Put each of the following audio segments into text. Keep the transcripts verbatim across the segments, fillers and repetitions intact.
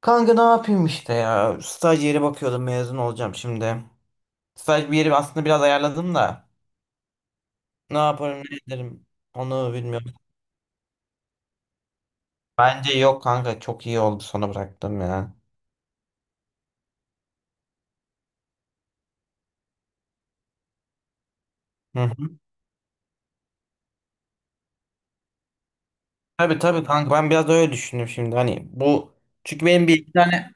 Kanka ne yapayım işte ya. Staj yeri bakıyordum, mezun olacağım şimdi. Staj bir yeri aslında biraz ayarladım da. Ne yaparım ne ederim onu bilmiyorum. Bence yok kanka, çok iyi oldu sona bıraktım ya. Hı hı. Tabii tabii kanka, ben biraz da öyle düşündüm şimdi hani bu. Çünkü benim bir iki tane.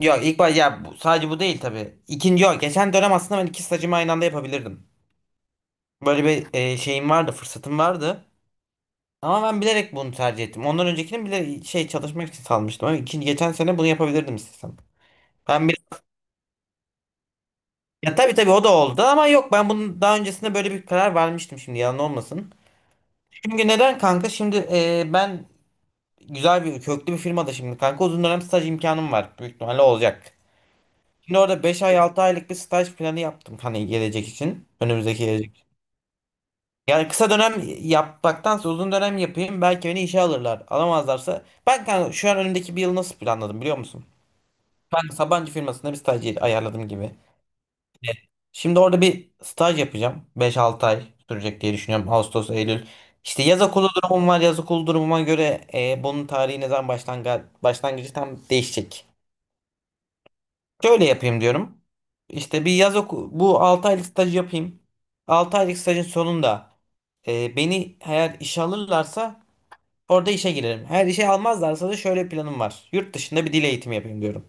Yok ilk baş ya bu, sadece bu değil tabii. İkinci yok. Geçen dönem aslında ben iki stajımı aynı anda yapabilirdim. Böyle bir e, şeyim vardı, fırsatım vardı. Ama ben bilerek bunu tercih ettim. Ondan öncekini bile şey çalışmak için salmıştım. Ama ikinci geçen sene bunu yapabilirdim istesem. Ben bir, ya tabii tabii o da oldu ama yok, ben bunun daha öncesinde böyle bir karar vermiştim, şimdi yalan olmasın. Çünkü neden kanka şimdi e, ben güzel bir köklü bir firmada şimdi kanka uzun dönem staj imkanım var, büyük ihtimalle olacak. Şimdi orada beş ay altı aylık bir staj planı yaptım, hani gelecek için, önümüzdeki gelecek için. Yani kısa dönem yapmaktansa uzun dönem yapayım, belki beni işe alırlar. Alamazlarsa ben kanka şu an önümdeki bir yıl nasıl planladım biliyor musun? Ben Sabancı firmasında bir staj ayarladım gibi. Şimdi orada bir staj yapacağım, beş altı ay sürecek diye düşünüyorum. Ağustos, Eylül. İşte yaz okulu durumum var. Yaz okulu durumuma göre e, bunun tarihi ne zaman başlangı başlangıcı tam değişecek. Şöyle yapayım diyorum. İşte bir yaz oku, bu altı aylık staj yapayım. altı aylık stajın sonunda e, beni eğer işe alırlarsa orada işe girerim. Eğer işe almazlarsa da şöyle planım var. Yurt dışında bir dil eğitimi yapayım diyorum.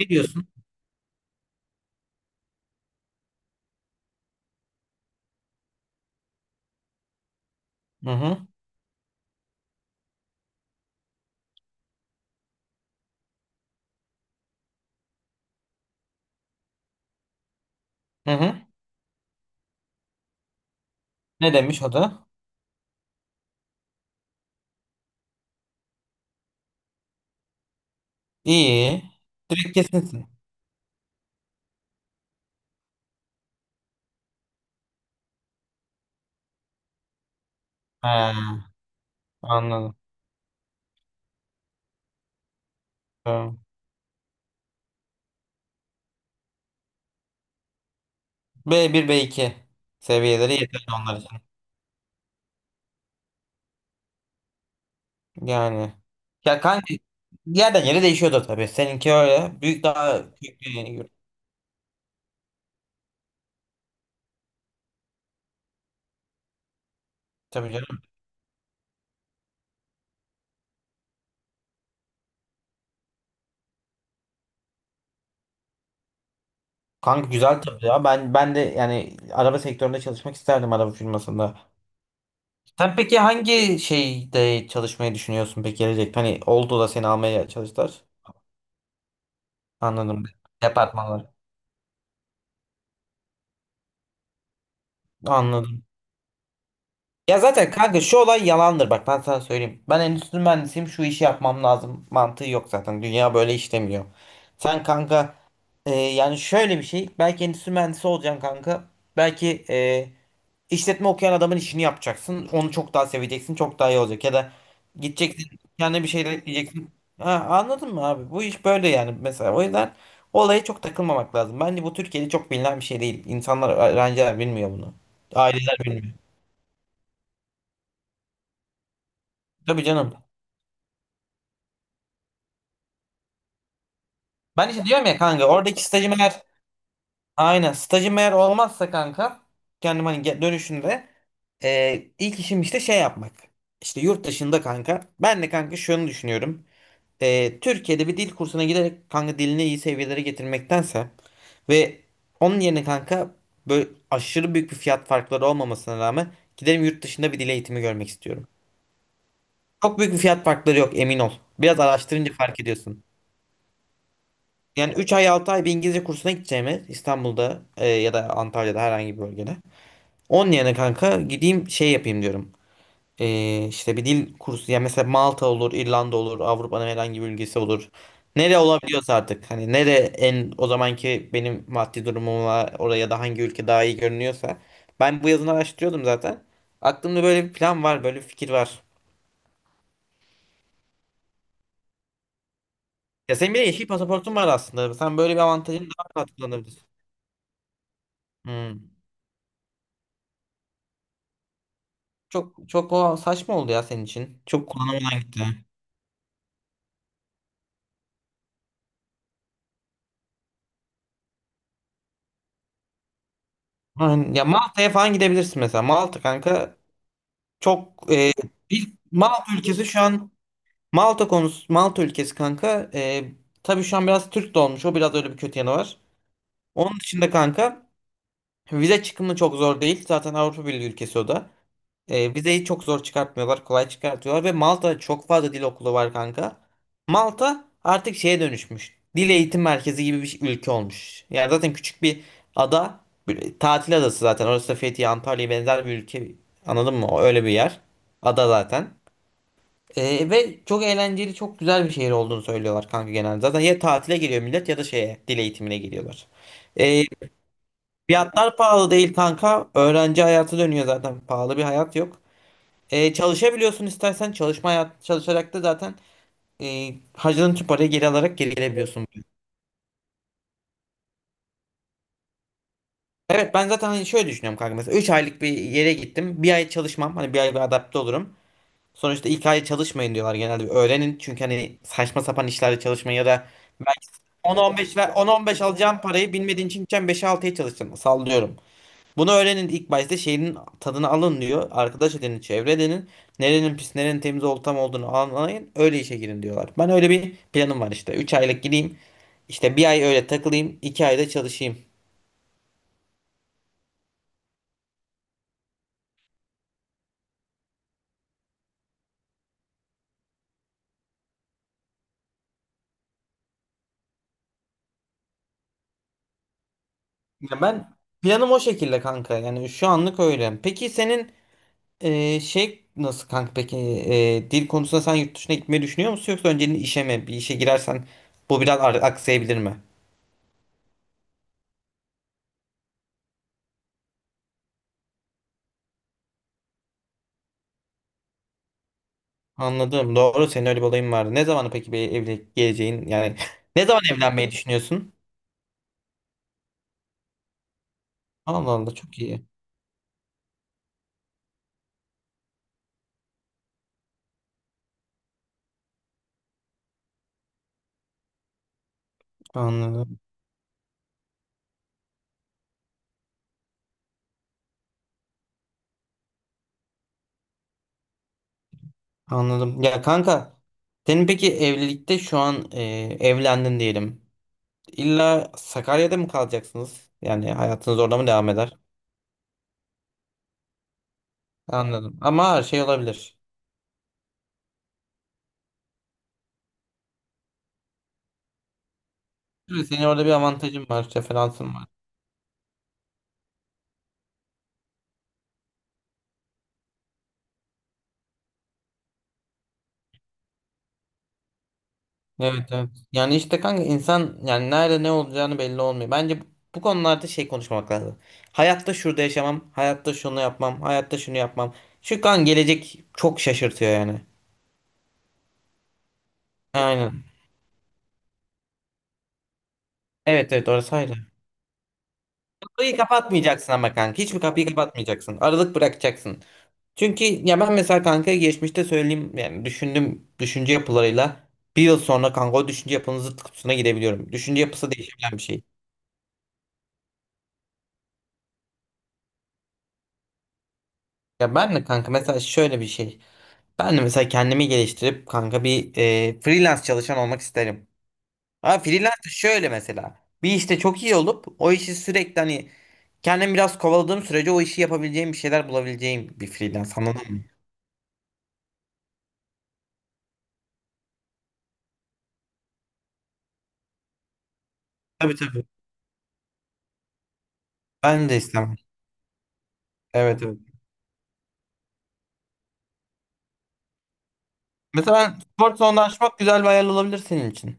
Ne diyorsun? Hı hı. Hı hı. Ne demiş o da? İyi. Direkt kesinsin. Ha. Anladım. Tamam. B bir b iki seviyeleri yeterli onlar için. Yani. Ya kanka yerden yere değişiyordu tabii. Seninki öyle. Büyük, daha büyük bir tabii canım. Kanka güzel tabii ya. Ben ben de yani araba sektöründe çalışmak isterdim, araba firmasında. Sen peki hangi şeyde çalışmayı düşünüyorsun peki gelecek? Hani oldu da seni almaya çalıştılar. Anladım. Departmanlar. Anladım. Ya zaten kanka şu olay yalandır, bak ben sana söyleyeyim. Ben endüstri mühendisiyim, şu işi yapmam lazım mantığı yok zaten. Dünya böyle işlemiyor. Sen kanka e, yani şöyle bir şey, belki endüstri mühendisi olacaksın kanka. Belki e, işletme okuyan adamın işini yapacaksın. Onu çok daha seveceksin, çok daha iyi olacak. Ya da gideceksin kendine bir şeyler ekleyeceksin. Ha, anladın mı abi? Bu iş böyle yani mesela. O yüzden olaya çok takılmamak lazım. Bence bu Türkiye'de çok bilinen bir şey değil. İnsanlar, öğrenciler bilmiyor bunu. Aileler bilmiyor. Tabii canım. Ben işte diyorum ya kanka, oradaki stajım eğer, aynen stajım eğer olmazsa kanka, kendim hani ge- dönüşünde e, ilk işim işte şey yapmak. İşte yurt dışında kanka. Ben de kanka şunu düşünüyorum. E, Türkiye'de bir dil kursuna giderek kanka dilini iyi seviyelere getirmektense ve onun yerine kanka, böyle aşırı büyük bir fiyat farkları olmamasına rağmen, giderim yurt dışında bir dil eğitimi görmek istiyorum. Çok büyük bir fiyat farkları yok, emin ol. Biraz araştırınca fark ediyorsun. Yani üç ay altı ay bir İngilizce kursuna gideceğimi İstanbul'da e, ya da Antalya'da herhangi bir bölgede. Onun yerine kanka gideyim şey yapayım diyorum. E, işte bir dil kursu, ya mesela Malta olur, İrlanda olur, Avrupa'nın herhangi bir ülkesi olur. Nere olabiliyorsa artık, hani nere en o zamanki benim maddi durumuma oraya, da hangi ülke daha iyi görünüyorsa. Ben bu yazını araştırıyordum zaten. Aklımda böyle bir plan var, böyle bir fikir var. Ya senin bile yeşil pasaportun var aslında. Sen böyle bir avantajın daha rahat kullanabilirsin. Hmm. Çok çok o saçma oldu ya senin için. Çok kullanılmadan gitti. Aynen. Ya Malta'ya falan gidebilirsin mesela. Malta kanka çok e, bir Malta ülkesi şu an, Malta konusu, Malta ülkesi kanka e, tabii şu an biraz Türk de olmuş. O biraz öyle bir kötü yanı var. Onun dışında kanka vize çıkımı çok zor değil. Zaten Avrupa Birliği ülkesi o da. E, vizeyi çok zor çıkartmıyorlar, kolay çıkartıyorlar ve Malta'da çok fazla dil okulu var kanka. Malta artık şeye dönüşmüş. Dil eğitim merkezi gibi bir ülke olmuş. Yani zaten küçük bir ada, bir tatil adası zaten. Orası da Fethiye, Antalya'ya benzer bir ülke. Anladın mı? O öyle bir yer. Ada zaten. E, ve çok eğlenceli, çok güzel bir şehir olduğunu söylüyorlar kanka genelde. Zaten ya tatile geliyor millet ya da şeye, dil eğitimine geliyorlar. E, Fiyatlar pahalı değil kanka. Öğrenci hayatı dönüyor zaten. Pahalı bir hayat yok. E, çalışabiliyorsun istersen, çalışma hayat, çalışarak da zaten e, harcadığın tüm parayı geri alarak geri gelebiliyorsun. Evet, ben zaten hani şöyle düşünüyorum kanka, mesela üç aylık bir yere gittim. Bir ay çalışmam, hani bir ay bir adapte olurum. Sonuçta ilk ay çalışmayın diyorlar genelde. Bir öğrenin, çünkü hani saçma sapan işlerde çalışmayın ya da belki on on beş ver, on on beş alacağın parayı bilmediğin için gideceksin beşe altıya çalışacaksın, sallıyorum. Bunu öğrenin ilk başta, şeyin tadını alın diyor. Arkadaş edinin, çevre edinin. Nerenin pis, nerenin temiz olup tam olduğunu anlayın. Öyle işe girin diyorlar. Ben öyle bir planım var işte. Üç aylık gideyim. İşte bir ay öyle takılayım, iki ayda çalışayım. Ya ben planım o şekilde kanka. Yani şu anlık öyle. Peki senin e, şey nasıl kanka? Peki e, dil konusunda sen yurt dışına gitmeyi düşünüyor musun? Yoksa önceliğin işe mi? Bir işe girersen bu biraz ar- aksayabilir mi? Anladım. Doğru, senin öyle bir olayın vardı. Ne zaman peki bir evlilik geleceğin yani ne zaman evlenmeyi düşünüyorsun? Allah Allah, çok iyi. Anladım. Anladım. Ya kanka senin peki evlilikte şu an e, evlendin diyelim. İlla Sakarya'da mı kalacaksınız? Yani hayatınız orada mı devam eder? Anladım. Ama her şey olabilir. Evet, senin orada bir avantajın var, referansın var. Evet evet. Yani işte kanka insan yani nerede ne olacağını belli olmuyor. Bence bu, bu konularda şey konuşmamak lazım. Hayatta şurada yaşamam, hayatta şunu yapmam, hayatta şunu yapmam. Şu kan gelecek çok şaşırtıyor yani. Aynen. Evet evet, orası ayrı. Kapıyı kapatmayacaksın ama kanka. Hiçbir kapıyı kapatmayacaksın. Aralık bırakacaksın. Çünkü ya ben mesela kanka geçmişte söyleyeyim, yani düşündüm düşünce yapılarıyla bir yıl sonra kanka o düşünce yapının zıt kutusuna girebiliyorum. Düşünce yapısı değişebilen bir şey. Ya ben de kanka mesela şöyle bir şey. Ben de mesela kendimi geliştirip kanka bir e, freelance çalışan olmak isterim. Ama freelance de şöyle mesela. Bir işte çok iyi olup o işi sürekli, hani kendim biraz kovaladığım sürece o işi yapabileceğim, bir şeyler bulabileceğim bir freelance, anladın mı? Tabii tabii. Ben de istemem. Evet evet. Mesela ben spor salonunda açmak güzel bir hayal olabilir senin için.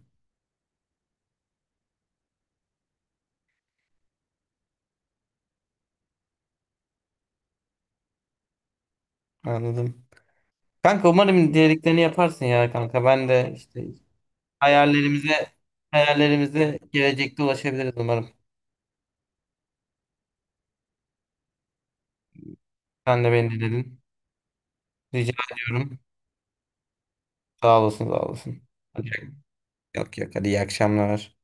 Anladım. Kanka umarım dediklerini yaparsın ya kanka. Ben de işte hayallerimize hayallerimize gelecekte ulaşabiliriz umarım. Sen de beni dinledin. Rica ediyorum. Sağ olasın, sağ olasın. Yok yok, hadi iyi akşamlar.